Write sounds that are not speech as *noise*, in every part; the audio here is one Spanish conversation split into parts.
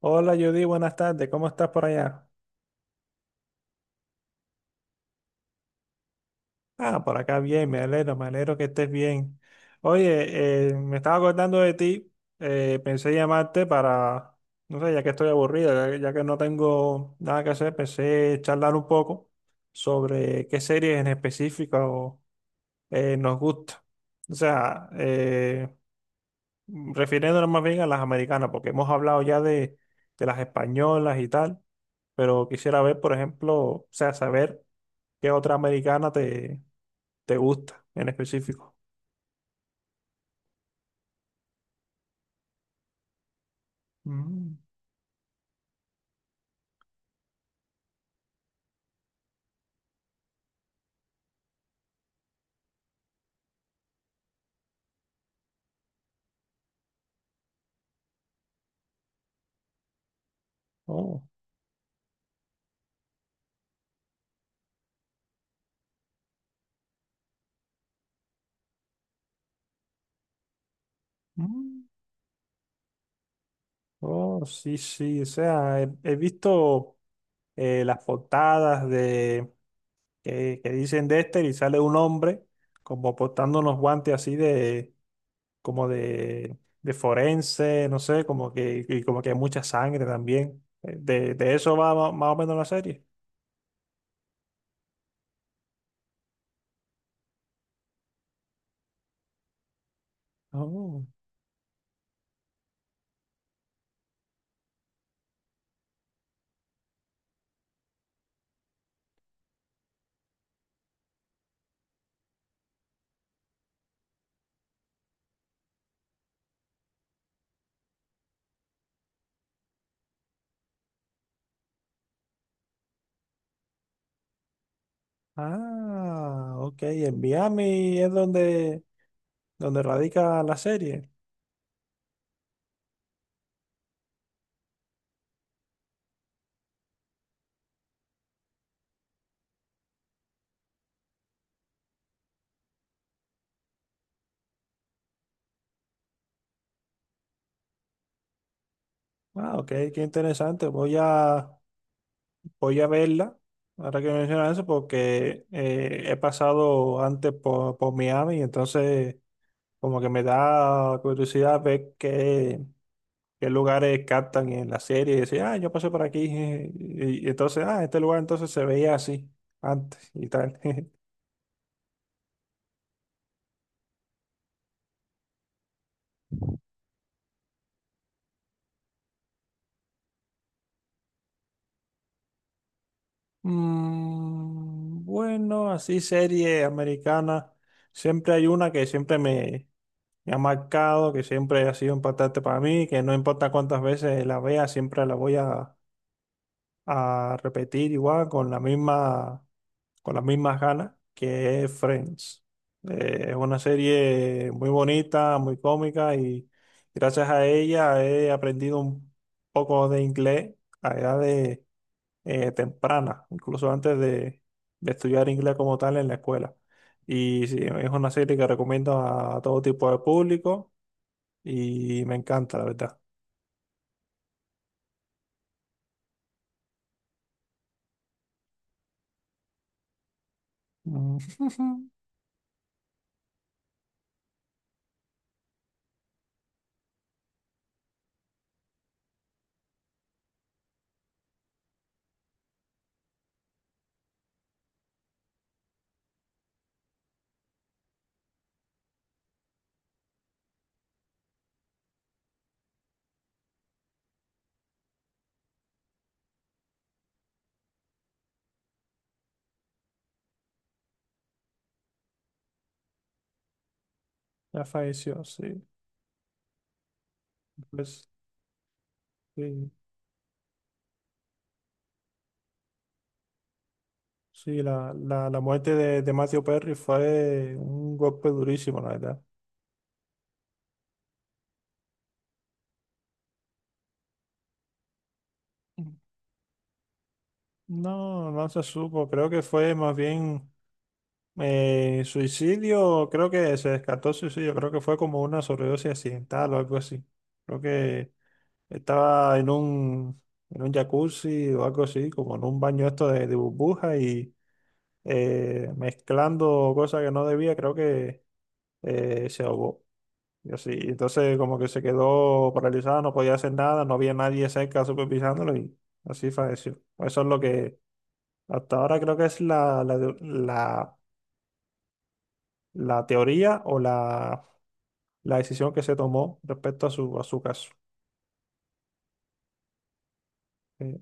Hola Judy, buenas tardes. ¿Cómo estás por allá? Ah, por acá bien, me alegro que estés bien. Oye, me estaba acordando de ti, pensé llamarte para, no sé, ya que estoy aburrido, ya que no tengo nada que hacer, pensé charlar un poco sobre qué series en específico nos gusta. O sea, refiriéndonos más bien a las americanas, porque hemos hablado ya de las españolas y tal, pero quisiera ver, por ejemplo, o sea, saber. ¿Qué otra americana te gusta en específico? Mm. Oh, mm, oh, sí, sí. O sea, he visto las portadas de que dicen Dexter y sale un hombre como portando unos guantes así de como de forense, no sé, como que y como que hay mucha sangre también. De eso va más o menos la serie. Oh, ah, ok. En Miami es donde, donde radica la serie. Ah, ok, qué interesante. Voy a verla, ahora que mencionas eso, porque he pasado antes por Miami, entonces como que me da curiosidad ver qué, qué lugares captan en la serie y decir, ah, yo pasé por aquí, *laughs* y entonces, ah, este lugar entonces se veía así antes y tal. *laughs* Mm, bueno, así serie americana. Siempre hay una que siempre me ha marcado, que siempre ha sido importante para mí, que no importa cuántas veces la vea, siempre la a repetir igual con la misma, con las mismas ganas, que es Friends. Es una serie muy bonita, muy cómica y gracias a ella he aprendido un poco de inglés a edad de temprana, incluso antes de estudiar inglés como tal en la escuela. Y sí, es una serie que recomiendo a todo tipo de público y me encanta, la verdad. Mm. *laughs* Ya falleció, sí. Pues sí, sí, la muerte de Matthew Perry fue un golpe durísimo, la verdad. No, no se supo, creo que fue más bien suicidio, creo que se descartó suicidio, creo que fue como una sobredosis accidental o algo así. Creo que estaba en en un jacuzzi o algo así, como en un baño esto de burbuja y mezclando cosas que no debía, creo que se ahogó. Y así, entonces como que se quedó paralizada, no podía hacer nada, no había nadie cerca supervisándolo y así falleció. Eso es lo que hasta ahora creo que es la teoría o la decisión que se tomó respecto a su caso. Eh,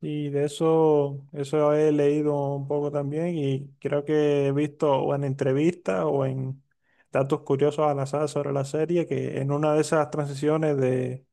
Y de eso, eso he leído un poco también y creo que he visto o en entrevistas o en datos curiosos al azar sobre la serie que en una de esas transiciones de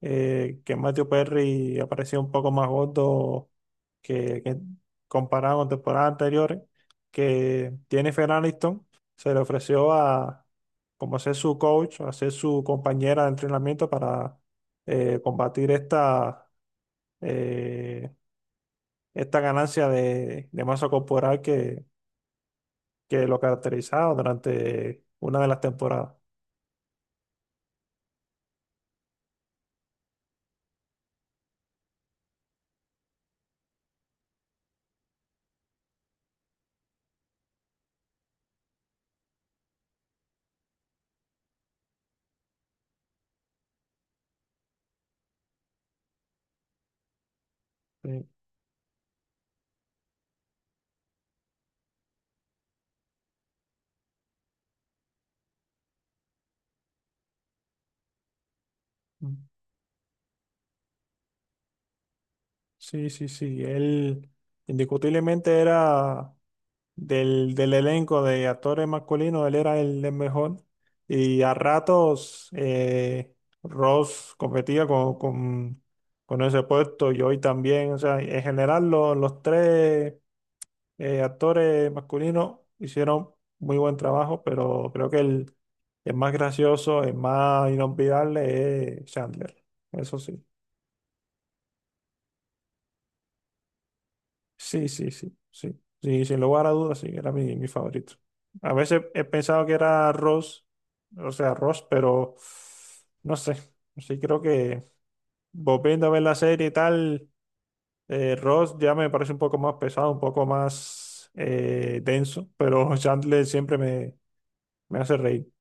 que Matthew Perry aparecía un poco más gordo que comparado con temporadas anteriores, que Jennifer Aniston se le ofreció a como ser su coach, a ser su compañera de entrenamiento para combatir esta... eh, esta ganancia de masa corporal que lo caracterizaba durante una de las temporadas. Sí, sí, sí, sí. Él indiscutiblemente era del elenco de actores masculinos, él era el mejor. Y a ratos Ross competía con ese puesto y hoy también. O sea, en general los tres actores masculinos hicieron muy buen trabajo, pero creo que el más gracioso, el más inolvidable es Chandler. Eso sí. Sí, sí, sí, sí. Sí, sin lugar a dudas, sí, era mi favorito. A veces he pensado que era Ross, o sea, Ross, pero no sé. Sí, creo que volviendo a ver la serie y tal, Ross ya me parece un poco más pesado, un poco más denso, pero *laughs* Chandler siempre me hace reír.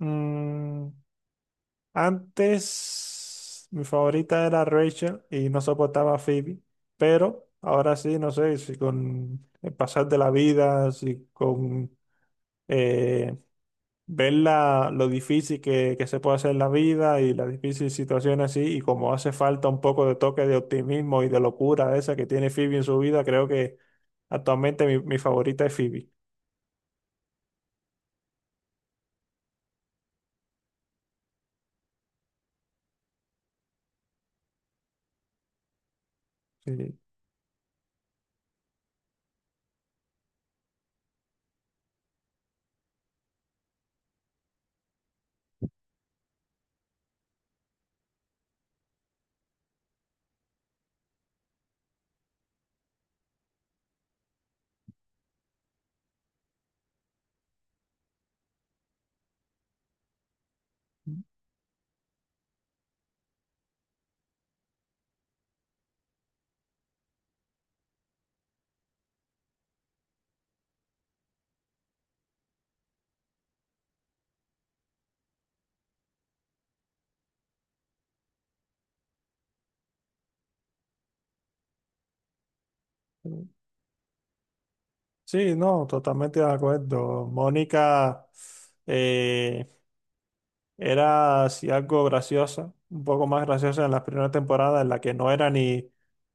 Mm, antes mi favorita era Rachel y no soportaba a Phoebe, pero ahora sí, no sé, si con el pasar de la vida, si con eh, ver lo difícil que se puede hacer la vida y las difíciles situaciones así, y como hace falta un poco de toque de optimismo y de locura esa que tiene Phoebe en su vida, creo que actualmente mi favorita es Phoebe. Sí. Sí, no, totalmente de acuerdo. Mónica eh, era así algo graciosa, un poco más graciosa en las primeras temporadas,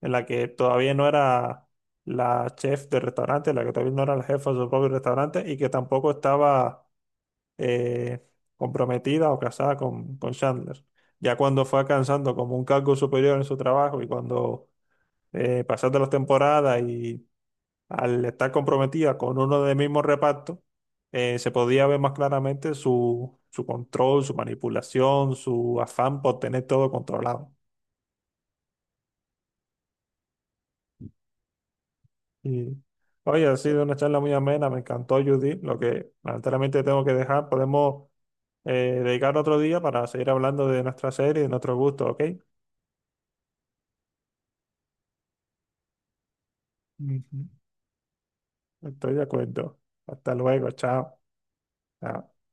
en la que todavía no era la chef del restaurante, en la que todavía no era la jefa de su propio restaurante y que tampoco estaba eh, comprometida o casada con Chandler. Ya cuando fue alcanzando como un cargo superior en su trabajo y cuando pasaste las temporadas y al estar comprometida con uno del mismo reparto, se podía ver más claramente su control, su manipulación, su afán por tener todo controlado. Y, oye, ha sido una charla muy amena, me encantó, Judy. Lo que lamentablemente tengo que dejar, podemos dedicar otro día para seguir hablando de nuestra serie, y de nuestro gusto, ¿ok? Ujú. Estoy de acuerdo. Hasta luego, chao. Chao.